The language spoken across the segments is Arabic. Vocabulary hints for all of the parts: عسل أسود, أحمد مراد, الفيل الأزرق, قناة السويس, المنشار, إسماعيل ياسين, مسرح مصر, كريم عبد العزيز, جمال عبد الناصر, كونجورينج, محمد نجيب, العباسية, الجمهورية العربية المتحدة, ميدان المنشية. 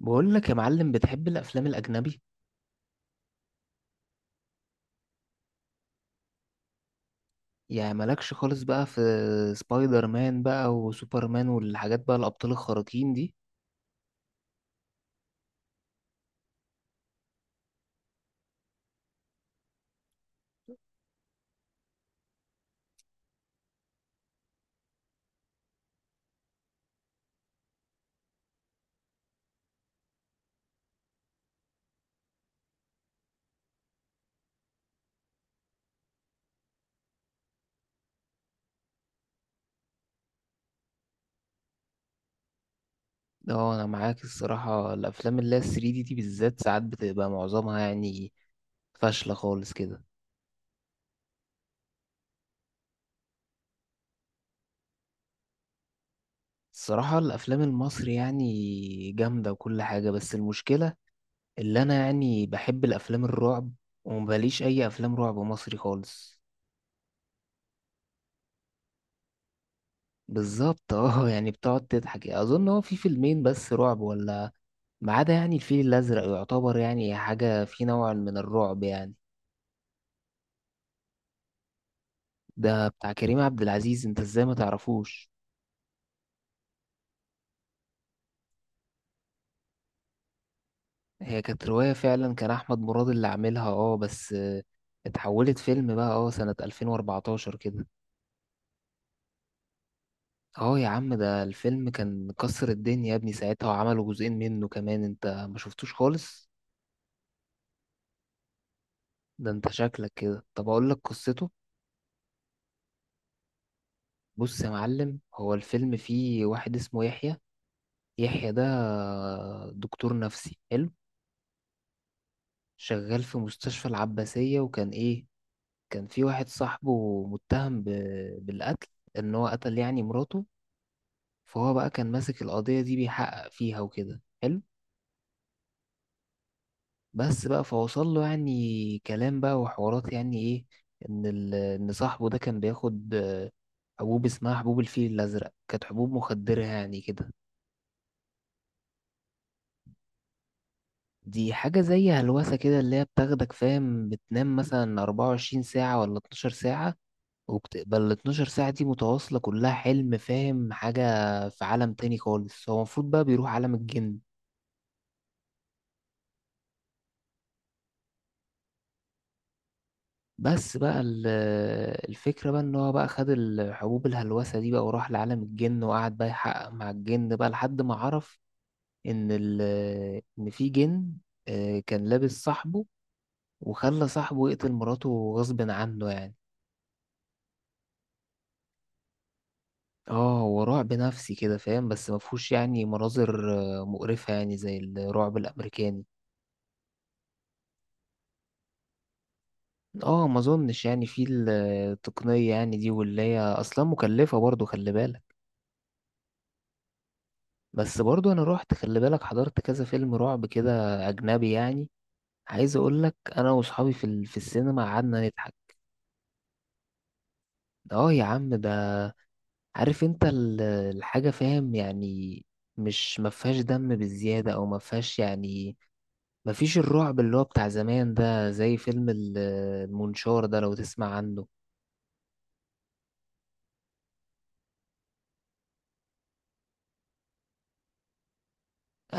بقول لك يا معلم، بتحب الافلام الاجنبي؟ يعني مالكش خالص بقى في سبايدر مان بقى وسوبرمان والحاجات بقى الابطال الخارقين دي؟ اه انا معاك. الصراحه الافلام اللي هي 3D دي دي بالذات ساعات بتبقى معظمها يعني فاشله خالص كده. الصراحه الافلام المصري يعني جامده وكل حاجه، بس المشكله اللي انا يعني بحب الافلام الرعب، ومباليش اي افلام رعب مصري خالص. بالظبط اه، يعني بتقعد تضحك. اظن هو في فيلمين بس رعب ولا؟ ما عدا يعني الفيل الأزرق، يعتبر يعني حاجة في نوع من الرعب يعني. ده بتاع كريم عبد العزيز، انت ازاي ما تعرفوش؟ هي كانت رواية فعلا، كان أحمد مراد اللي عاملها، اه بس اتحولت فيلم بقى اه سنة 2014 كده. اه يا عم، ده الفيلم كان كسر الدنيا يا ابني ساعتها، وعملوا جزئين منه كمان، انت ما شفتوش خالص؟ ده انت شكلك كده. طب اقول لك قصته. بص يا معلم، هو الفيلم فيه واحد اسمه يحيى. يحيى ده دكتور نفسي، حلو. شغال في مستشفى العباسية، وكان إيه، كان في واحد صاحبه متهم بالقتل، إن هو قتل يعني مراته. فهو بقى كان ماسك القضية دي بيحقق فيها وكده، حلو. بس بقى فوصل له يعني كلام بقى وحوارات يعني إيه، إن صاحبه ده كان بياخد حبوب اسمها حبوب الفيل الأزرق، كانت حبوب مخدرة يعني كده. دي حاجة زي هلوسة كده، اللي هي بتاخدك فاهم، بتنام مثلا 24 ساعة ولا 12 ساعة، وبتبقى ال 12 ساعة دي متواصلة كلها حلم، فاهم حاجة؟ في عالم تاني خالص، هو المفروض بقى بيروح عالم الجن. بس بقى الفكرة بقى ان هو بقى خد الحبوب الهلوسة دي بقى وراح لعالم الجن، وقعد بقى يحقق مع الجن بقى لحد ما عرف ان ان في جن كان لابس صاحبه، وخلى صاحبه يقتل مراته غصب عنه يعني. اه هو رعب نفسي كده فاهم، بس مفهوش يعني مناظر مقرفة يعني زي الرعب الأمريكاني. اه ما اظنش يعني في التقنية يعني دي، واللي هي اصلا مكلفة برضو، خلي بالك. بس برضو انا روحت، خلي بالك، حضرت كذا فيلم رعب كده، اجنبي يعني. عايز اقول لك، انا واصحابي في في السينما قعدنا نضحك. اه يا عم ده، عارف انت الحاجة فاهم يعني، مش ما فيهاش دم بالزيادة او ما فيهاش يعني، ما فيش الرعب اللي هو بتاع زمان ده، زي فيلم المنشار ده، لو تسمع عنه.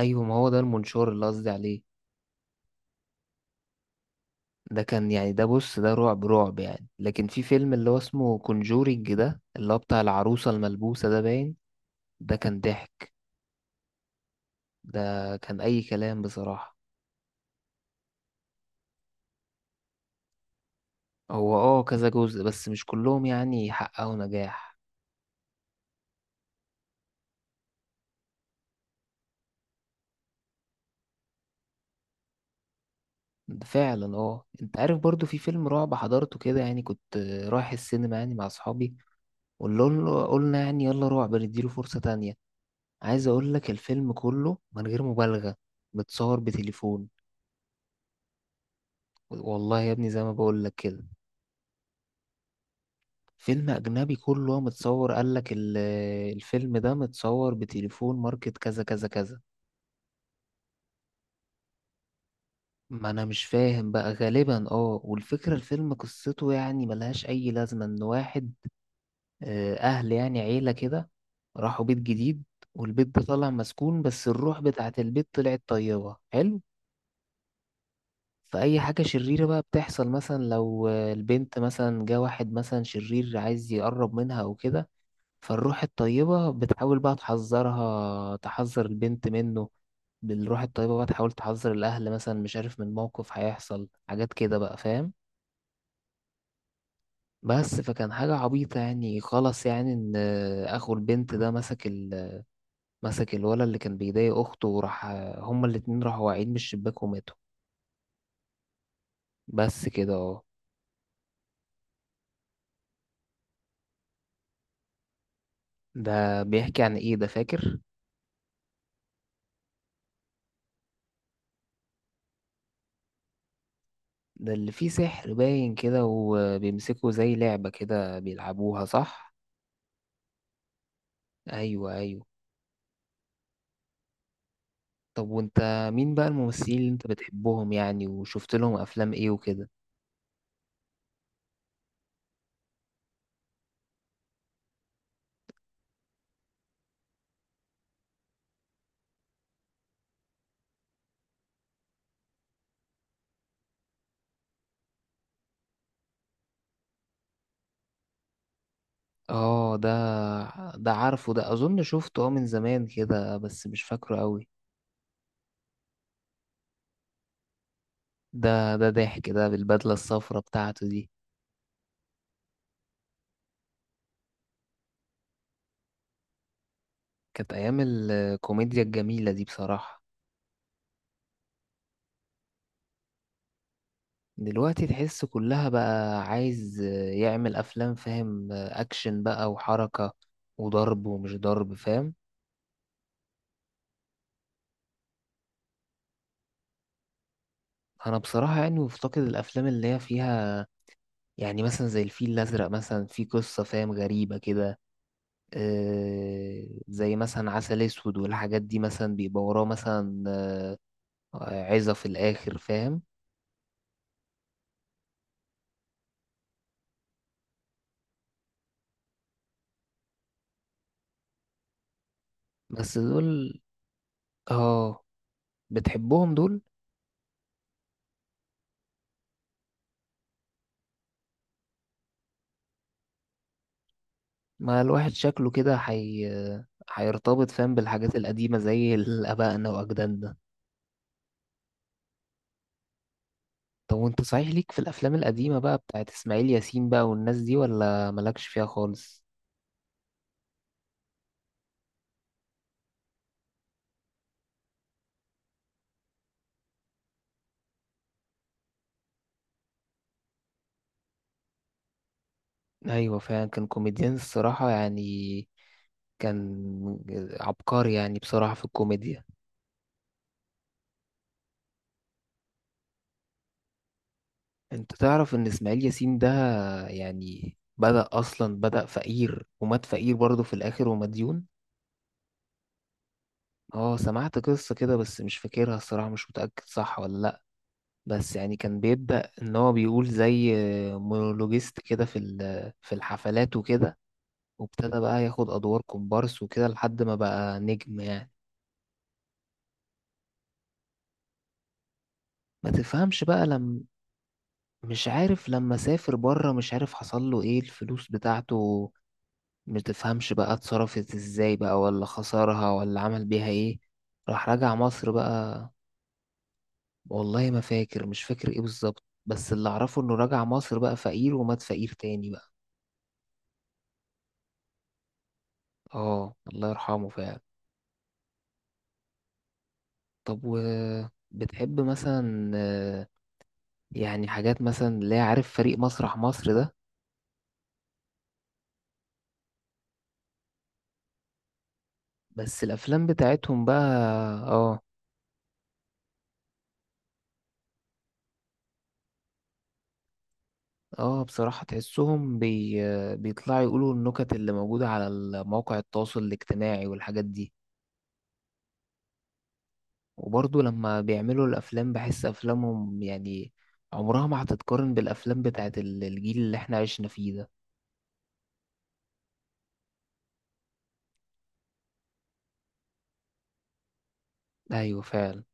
ايوه، ما هو ده المنشار اللي قصدي عليه. ده كان يعني، ده بص، ده رعب رعب يعني. لكن في فيلم اللي هو اسمه كونجورينج ده، اللي هو بتاع العروسة الملبوسة ده باين، ده كان ضحك، ده كان أي كلام بصراحة. هو اه كذا جزء، بس مش كلهم يعني حققوا نجاح. فعلا. اه انت عارف، برضو في فيلم رعب حضرته كده يعني، كنت رايح السينما يعني مع اصحابي، وقلنا يعني يلا رعب، نديله فرصة تانية. عايز اقول لك، الفيلم كله من غير مبالغة متصور بتليفون. والله يا ابني زي ما بقول لك كده. فيلم أجنبي كله متصور، قالك الفيلم ده متصور بتليفون ماركت كذا كذا كذا. ما أنا مش فاهم بقى، غالبا اه. والفكرة الفيلم قصته يعني ملهاش أي لازمة، إن واحد أهل يعني عيلة كده راحوا بيت جديد، والبيت ده طالع مسكون، بس الروح بتاعة البيت طلعت طيبة، حلو. فأي حاجة شريرة بقى بتحصل، مثلا لو البنت مثلا جه واحد مثلا شرير عايز يقرب منها أو كده، فالروح الطيبة بتحاول بقى تحذرها، تحذر البنت منه. بالروح الطيبة بقى تحاول تحذر الأهل مثلا، مش عارف، من موقف هيحصل حاجات كده بقى، فاهم. بس فكان حاجة عبيطة يعني، خلاص يعني، إن أخو البنت ده مسك مسك الولد اللي كان بيضايق أخته، وراح هما الاتنين راحوا واقعين من الشباك وماتوا. بس كده، اه. ده بيحكي عن إيه ده، فاكر؟ ده اللي فيه سحر باين كده، وبيمسكوا زي لعبة كده بيلعبوها، صح؟ أيوه، أيوه. طب وانت، مين بقى الممثلين اللي انت بتحبهم يعني، وشفت لهم افلام ايه وكده؟ اه ده عارفه، ده اظن شفته اه من زمان كده، بس مش فاكره قوي. ده ضحك ده، بالبدلة الصفرا بتاعته دي. كانت ايام الكوميديا الجميلة دي بصراحة. دلوقتي تحس كلها بقى عايز يعمل افلام فاهم، اكشن بقى وحركة وضرب ومش ضرب، فاهم. انا بصراحة يعني مفتقد الافلام اللي هي فيها يعني مثلا زي الفيل الأزرق مثلا، في قصة فاهم غريبة كده، آه، زي مثلا عسل أسود والحاجات دي، مثلا بيبقى وراه مثلا عظة في الآخر، فاهم. بس دول، اه، بتحبهم دول؟ ما الواحد شكله كده هيرتبط فاهم بالحاجات القديمة، زي آبائنا وأجدادنا. طب وانت صحيح، ليك في الأفلام القديمة بقى بتاعت إسماعيل ياسين بقى والناس دي، ولا مالكش فيها خالص؟ ايوه فعلا، كان كوميديان الصراحة يعني، كان عبقري يعني بصراحة في الكوميديا. انت تعرف ان اسماعيل ياسين ده يعني بدأ فقير، ومات فقير برضه في الاخر، ومديون. اه سمعت قصة كده، بس مش فاكرها الصراحة، مش متأكد صح ولا لأ. بس يعني كان بيبدأ ان هو بيقول زي مونولوجيست كده في في الحفلات وكده، وابتدى بقى ياخد ادوار كومبارس وكده لحد ما بقى نجم يعني. ما تفهمش بقى، لما، مش عارف، لما سافر بره مش عارف حصل له ايه الفلوس بتاعته، مش تفهمش بقى اتصرفت ازاي بقى، ولا خسرها، ولا عمل بيها ايه، راح رجع مصر بقى. والله ما فاكر مش فاكر ايه بالظبط، بس اللي اعرفه انه رجع مصر بقى فقير، ومات فقير تاني بقى. اه الله يرحمه فعلا. طب و، بتحب مثلا يعني حاجات مثلا اللي هي، عارف فريق مسرح مصر ده؟ بس الافلام بتاعتهم بقى، اه. اه بصراحة تحسهم بيطلعوا يقولوا النكت اللي موجودة على مواقع التواصل الاجتماعي والحاجات دي. وبرضه لما بيعملوا الأفلام، بحس أفلامهم يعني عمرها ما هتتقارن بالأفلام بتاعت الجيل اللي احنا عشنا فيه ده. أيوة فعلا.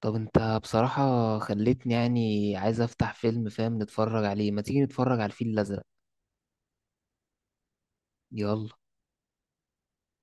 طب انت بصراحة خليتني يعني عايز أفتح فيلم فاهم نتفرج عليه، ما تيجي نتفرج على الفيل الأزرق. يلا.